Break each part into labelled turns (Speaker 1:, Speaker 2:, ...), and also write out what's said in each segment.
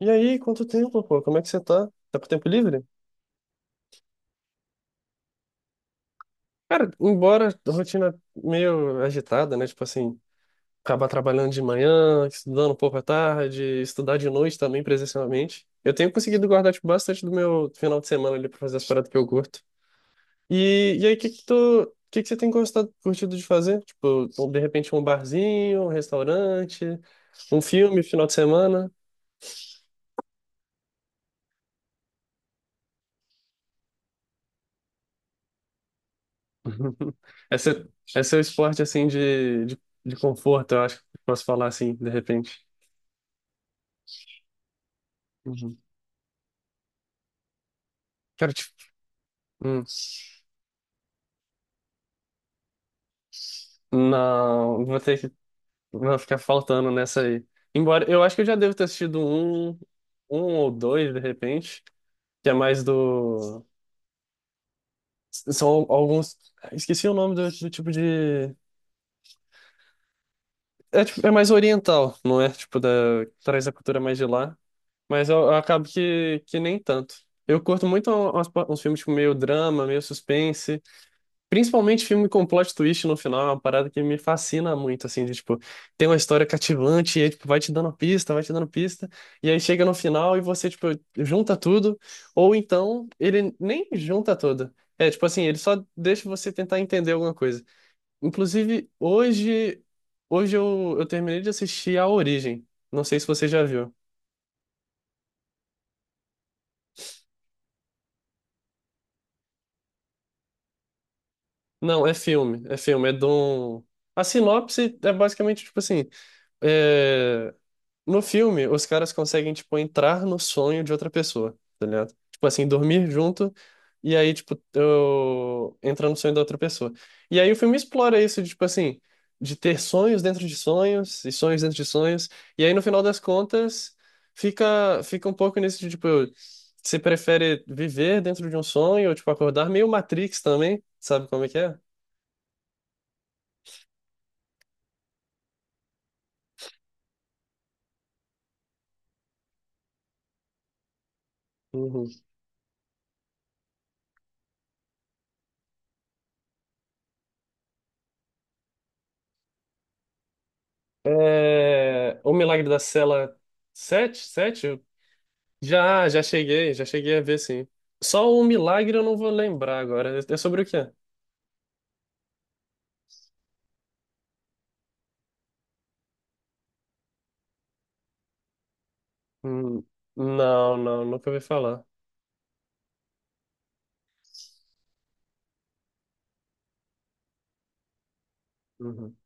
Speaker 1: E aí, quanto tempo, pô? Como é que você tá? Tá com tempo livre? Cara, embora a rotina meio agitada, né? Tipo assim, acabar trabalhando de manhã, estudando um pouco à tarde, estudar de noite também presencialmente. Eu tenho conseguido guardar, tipo, bastante do meu final de semana ali pra fazer as paradas que eu curto. E aí, o que que tu, o que que você tem gostado, curtido de fazer? Tipo, de repente um barzinho, um restaurante, um filme, final de semana? Esse, esse é seu esporte assim de conforto, eu acho que posso falar assim, de repente. Uhum. Quero te... hum, Não, vou ter que vou ficar faltando nessa aí. Embora eu acho que eu já devo ter assistido um ou dois, de repente, que é mais do. São alguns. Esqueci o nome do, do tipo de. É, tipo- é mais oriental, não é? Tipo, da... traz a cultura mais de lá. Mas eu acabo que nem tanto. Eu curto muito uns, uns filmes tipo, meio drama, meio suspense. Principalmente filme com plot twist no final, é uma parada que me fascina muito, assim, de, tipo, tem uma história cativante e aí, tipo, vai te dando pista, vai te dando pista, e aí chega no final e você, tipo, junta tudo, ou então ele nem junta tudo. É, tipo assim, ele só deixa você tentar entender alguma coisa. Inclusive, hoje eu terminei de assistir A Origem. Não sei se você já viu. Não, é filme, é filme, é de um... A sinopse é basicamente, tipo assim, é, no filme os caras conseguem, tipo, entrar no sonho de outra pessoa, tá ligado? Tipo assim, dormir junto e aí, tipo, entrar no sonho da outra pessoa. E aí o filme explora isso, de, tipo assim, de ter sonhos dentro de sonhos e sonhos dentro de sonhos. E aí no final das contas fica um pouco nesse, de, tipo, você prefere viver dentro de um sonho ou, tipo, acordar, meio Matrix também, sabe como é que é? Uhum. É, O Milagre da Cela sete, sete. Já cheguei a ver, sim. Só o Milagre eu não vou lembrar agora. É sobre o quê? Hum. Não, nunca ouvi falar. Uhum.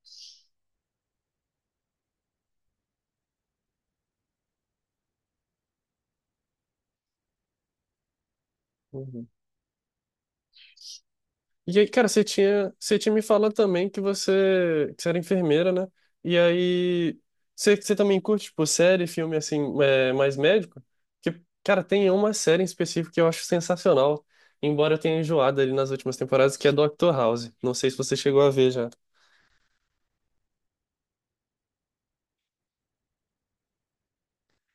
Speaker 1: Uhum. E aí, cara, você tinha me falado também que você era enfermeira, né? E aí, você também curte, tipo, série, filme, assim, é, mais médico? Que, cara, tem uma série em específico que eu acho sensacional, embora eu tenha enjoado ali nas últimas temporadas, que é Doctor House. Não sei se você chegou a ver já.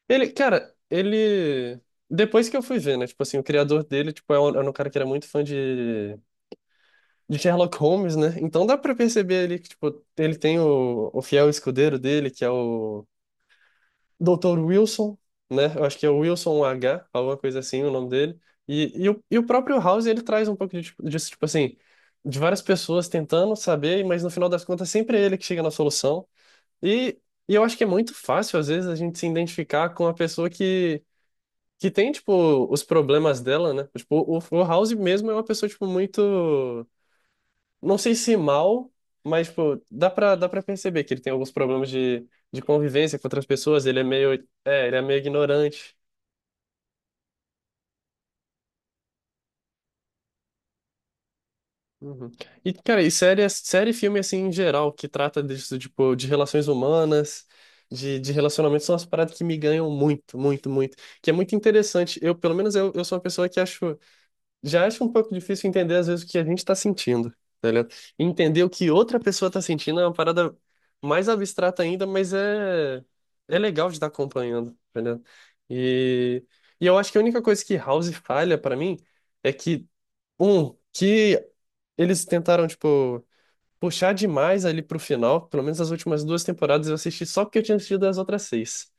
Speaker 1: Ele, cara, ele... Depois que eu fui ver, né? Tipo assim, o criador dele, tipo, era um cara que era muito fã de... De Sherlock Holmes, né? Então dá pra perceber ali que, tipo, ele tem o fiel escudeiro dele, que é o Doutor Wilson, né? Eu acho que é o Wilson H, alguma coisa assim, o nome dele. E o próprio House, ele traz um pouco de, tipo- disso, tipo assim, de várias pessoas tentando saber, mas no final das contas sempre é ele que chega na solução. E, e eu acho que é muito fácil, às vezes, a gente se identificar com a pessoa que tem, tipo, os problemas dela, né? Tipo, o House mesmo é uma pessoa, tipo, muito não sei se mal, mas, tipo, dá pra perceber que ele tem alguns problemas de convivência com outras pessoas, ele é meio, é, ele é meio ignorante. Uhum. E, cara, e série, série e filme, assim, em geral, que trata disso, tipo, de relações humanas, de relacionamentos, são as paradas que me ganham muito, muito, muito. Que é muito interessante. Eu, pelo menos, eu sou uma pessoa que acho. Já acho um pouco difícil entender, às vezes, o que a gente tá sentindo, tá ligado? Entender o que outra pessoa tá sentindo é uma parada mais abstrata ainda, mas é legal de estar acompanhando, tá ligado? E... e eu acho que a única coisa que House falha pra mim é que, que eles tentaram, tipo, puxar demais ali pro final, pelo menos as últimas duas temporadas eu assisti só porque eu tinha assistido as outras seis.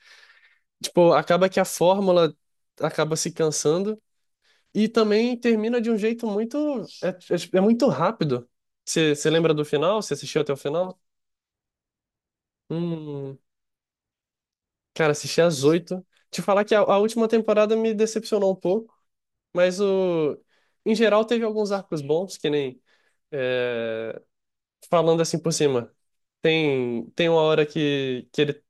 Speaker 1: Tipo, acaba que a fórmula acaba se cansando. E também termina de um jeito muito. É, é- é muito rápido. Você lembra do final? Você assistiu até o final? Hum, cara, assisti às oito. Te falar que a última temporada me decepcionou um pouco, mas o, em geral teve alguns arcos bons, que nem. É, falando assim por cima. Tem uma hora que ele.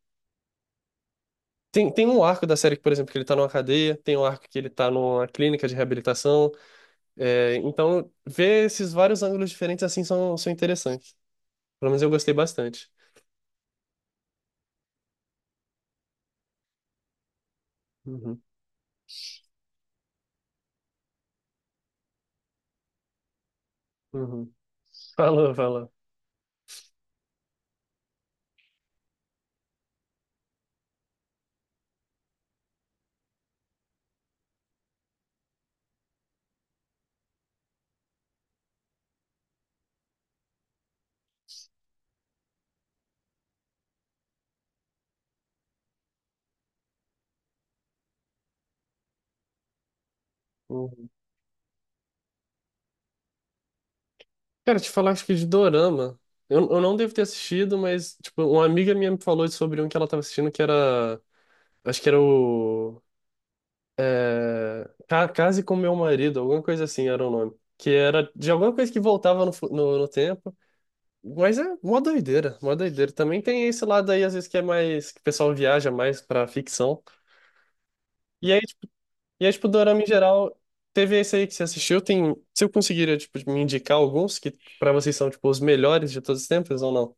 Speaker 1: Tem um arco da série, que, por exemplo, que ele tá numa cadeia, tem um arco que ele tá numa clínica de reabilitação. É, então, ver esses vários ângulos diferentes assim são, são interessantes. Pelo menos eu gostei bastante. Uhum, uhum. Falou, falou. Uhum. Cara, te falar, acho que de dorama. Eu não devo ter assistido, mas, tipo, uma amiga minha me falou sobre um que ela tava assistindo que era. Acho que era o. Ca- Case com Meu Marido, alguma coisa assim era o nome. Que era de alguma coisa que voltava no, fu- no, no tempo. Mas é mó doideira, mó doideira. Também tem esse lado aí, às vezes, que é mais. Que o pessoal viaja mais pra ficção. E aí E aí, tipo, dorama em geral, teve esse aí que você assistiu, tem... Se eu conseguiria, tipo, me indicar alguns que pra vocês são, tipo, os melhores de todos os tempos ou não?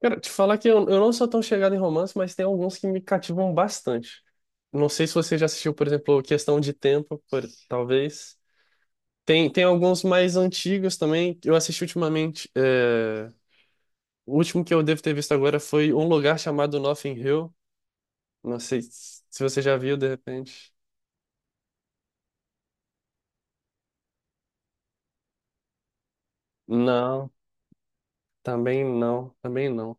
Speaker 1: Cara, te falar que eu não sou tão chegado em romance, mas tem alguns que me cativam bastante. Não sei se você já assistiu, por exemplo, Questão de Tempo, por- talvez. Tem alguns mais antigos também. Eu assisti ultimamente. É, O último que eu devo ter visto agora foi Um Lugar Chamado Notting Hill. Não sei se se você já viu, de repente. Não, também não, também não.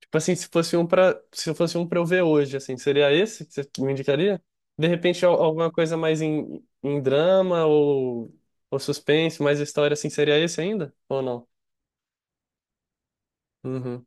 Speaker 1: Tipo assim, se fosse um pra, se fosse um pra eu ver hoje, assim, seria esse que você me indicaria? De repente, al- alguma coisa mais em, em drama ou suspense, mais história, assim, seria esse ainda? Ou não? Uhum.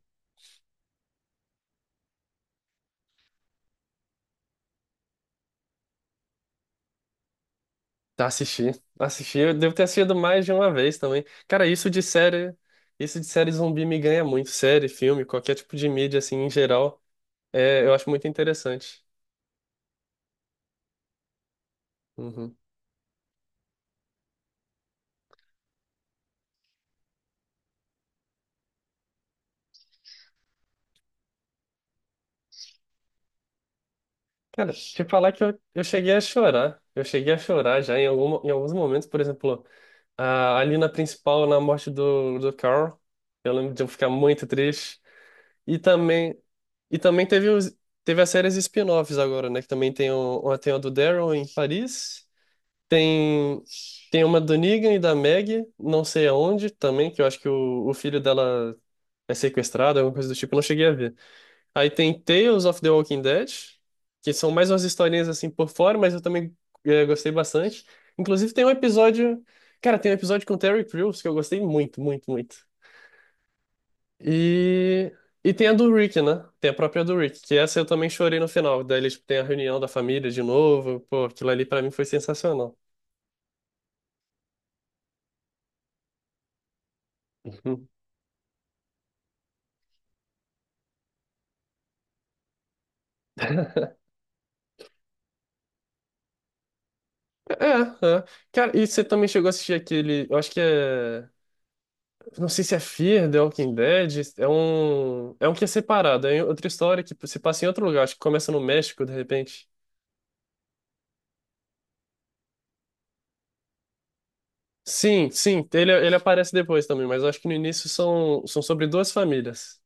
Speaker 1: Tá, assisti. Assisti. Eu devo ter assistido mais de uma vez também. Cara, isso de série zumbi me ganha muito. Série, filme, qualquer tipo de mídia, assim, em geral, eu acho muito interessante. Uhum. Cara, te falar que eu cheguei a chorar. Eu cheguei a chorar já em, algum, em alguns momentos, por exemplo. Ah, ali na principal, na morte do, do Carl, eu lembro de eu ficar muito triste. E também, e também teve, os, teve as séries spin-offs agora, né? Que também tem, o, uma- tem a do Daryl em Paris, tem, tem uma do Negan e da Maggie, não sei aonde também, que eu acho que o filho dela é sequestrado, alguma coisa do tipo, eu não cheguei a ver. Aí tem Tales of the Walking Dead, que são mais umas historinhas assim por fora, mas eu também gostei bastante. Inclusive tem um episódio, cara, tem um episódio com o Terry Crews que eu gostei muito, muito, muito. E e tem a do Rick, né? Tem a própria do Rick, que essa eu também chorei no final. Daí eles têm a reunião da família de novo, pô, aquilo ali pra mim foi sensacional. Uhum. É, é. Cara, e você também chegou a assistir aquele, eu acho que é. Não sei se é Fear The Walking Dead, é um que é separado, é outra história que se passa em outro lugar, acho que começa no México, de repente. Sim, sim, ele aparece depois também, mas eu acho que no início são, são sobre duas famílias.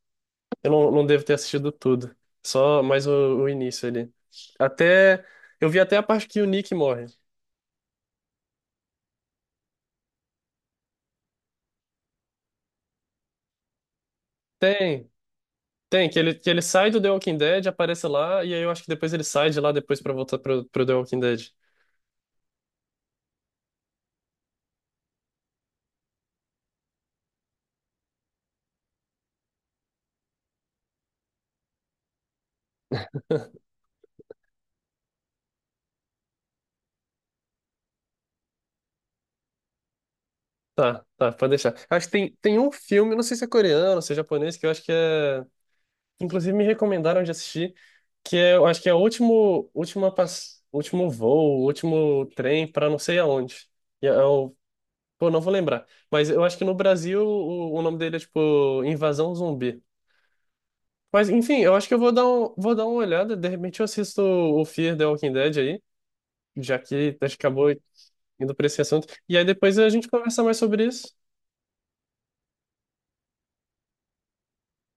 Speaker 1: Eu não, não devo ter assistido tudo, só mais o início ali. Até, eu vi até a parte que o Nick morre. Tem, tem, que ele sai do The Walking Dead, aparece lá, e aí eu acho que depois ele sai de lá depois pra voltar pro, pro The Walking Dead. Tá, tá, pode deixar. Acho que tem, tem um filme, não sei se é coreano, se é japonês, que eu acho que é. Inclusive me recomendaram de assistir, que é, eu acho que é o último, última pass... último voo, último trem pra não sei aonde. É o... Pô, não vou lembrar. Mas eu acho que no Brasil o nome dele é tipo Invasão Zumbi. Mas enfim, eu acho que eu vou dar vou dar uma olhada. De repente eu assisto o Fear the Walking Dead aí, já que acho que acabou indo pra esse assunto. E aí depois a gente conversa mais sobre isso.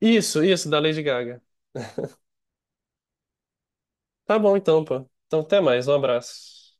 Speaker 1: Isso, da Lady Gaga. Tá bom então, pô. Então até mais, um abraço.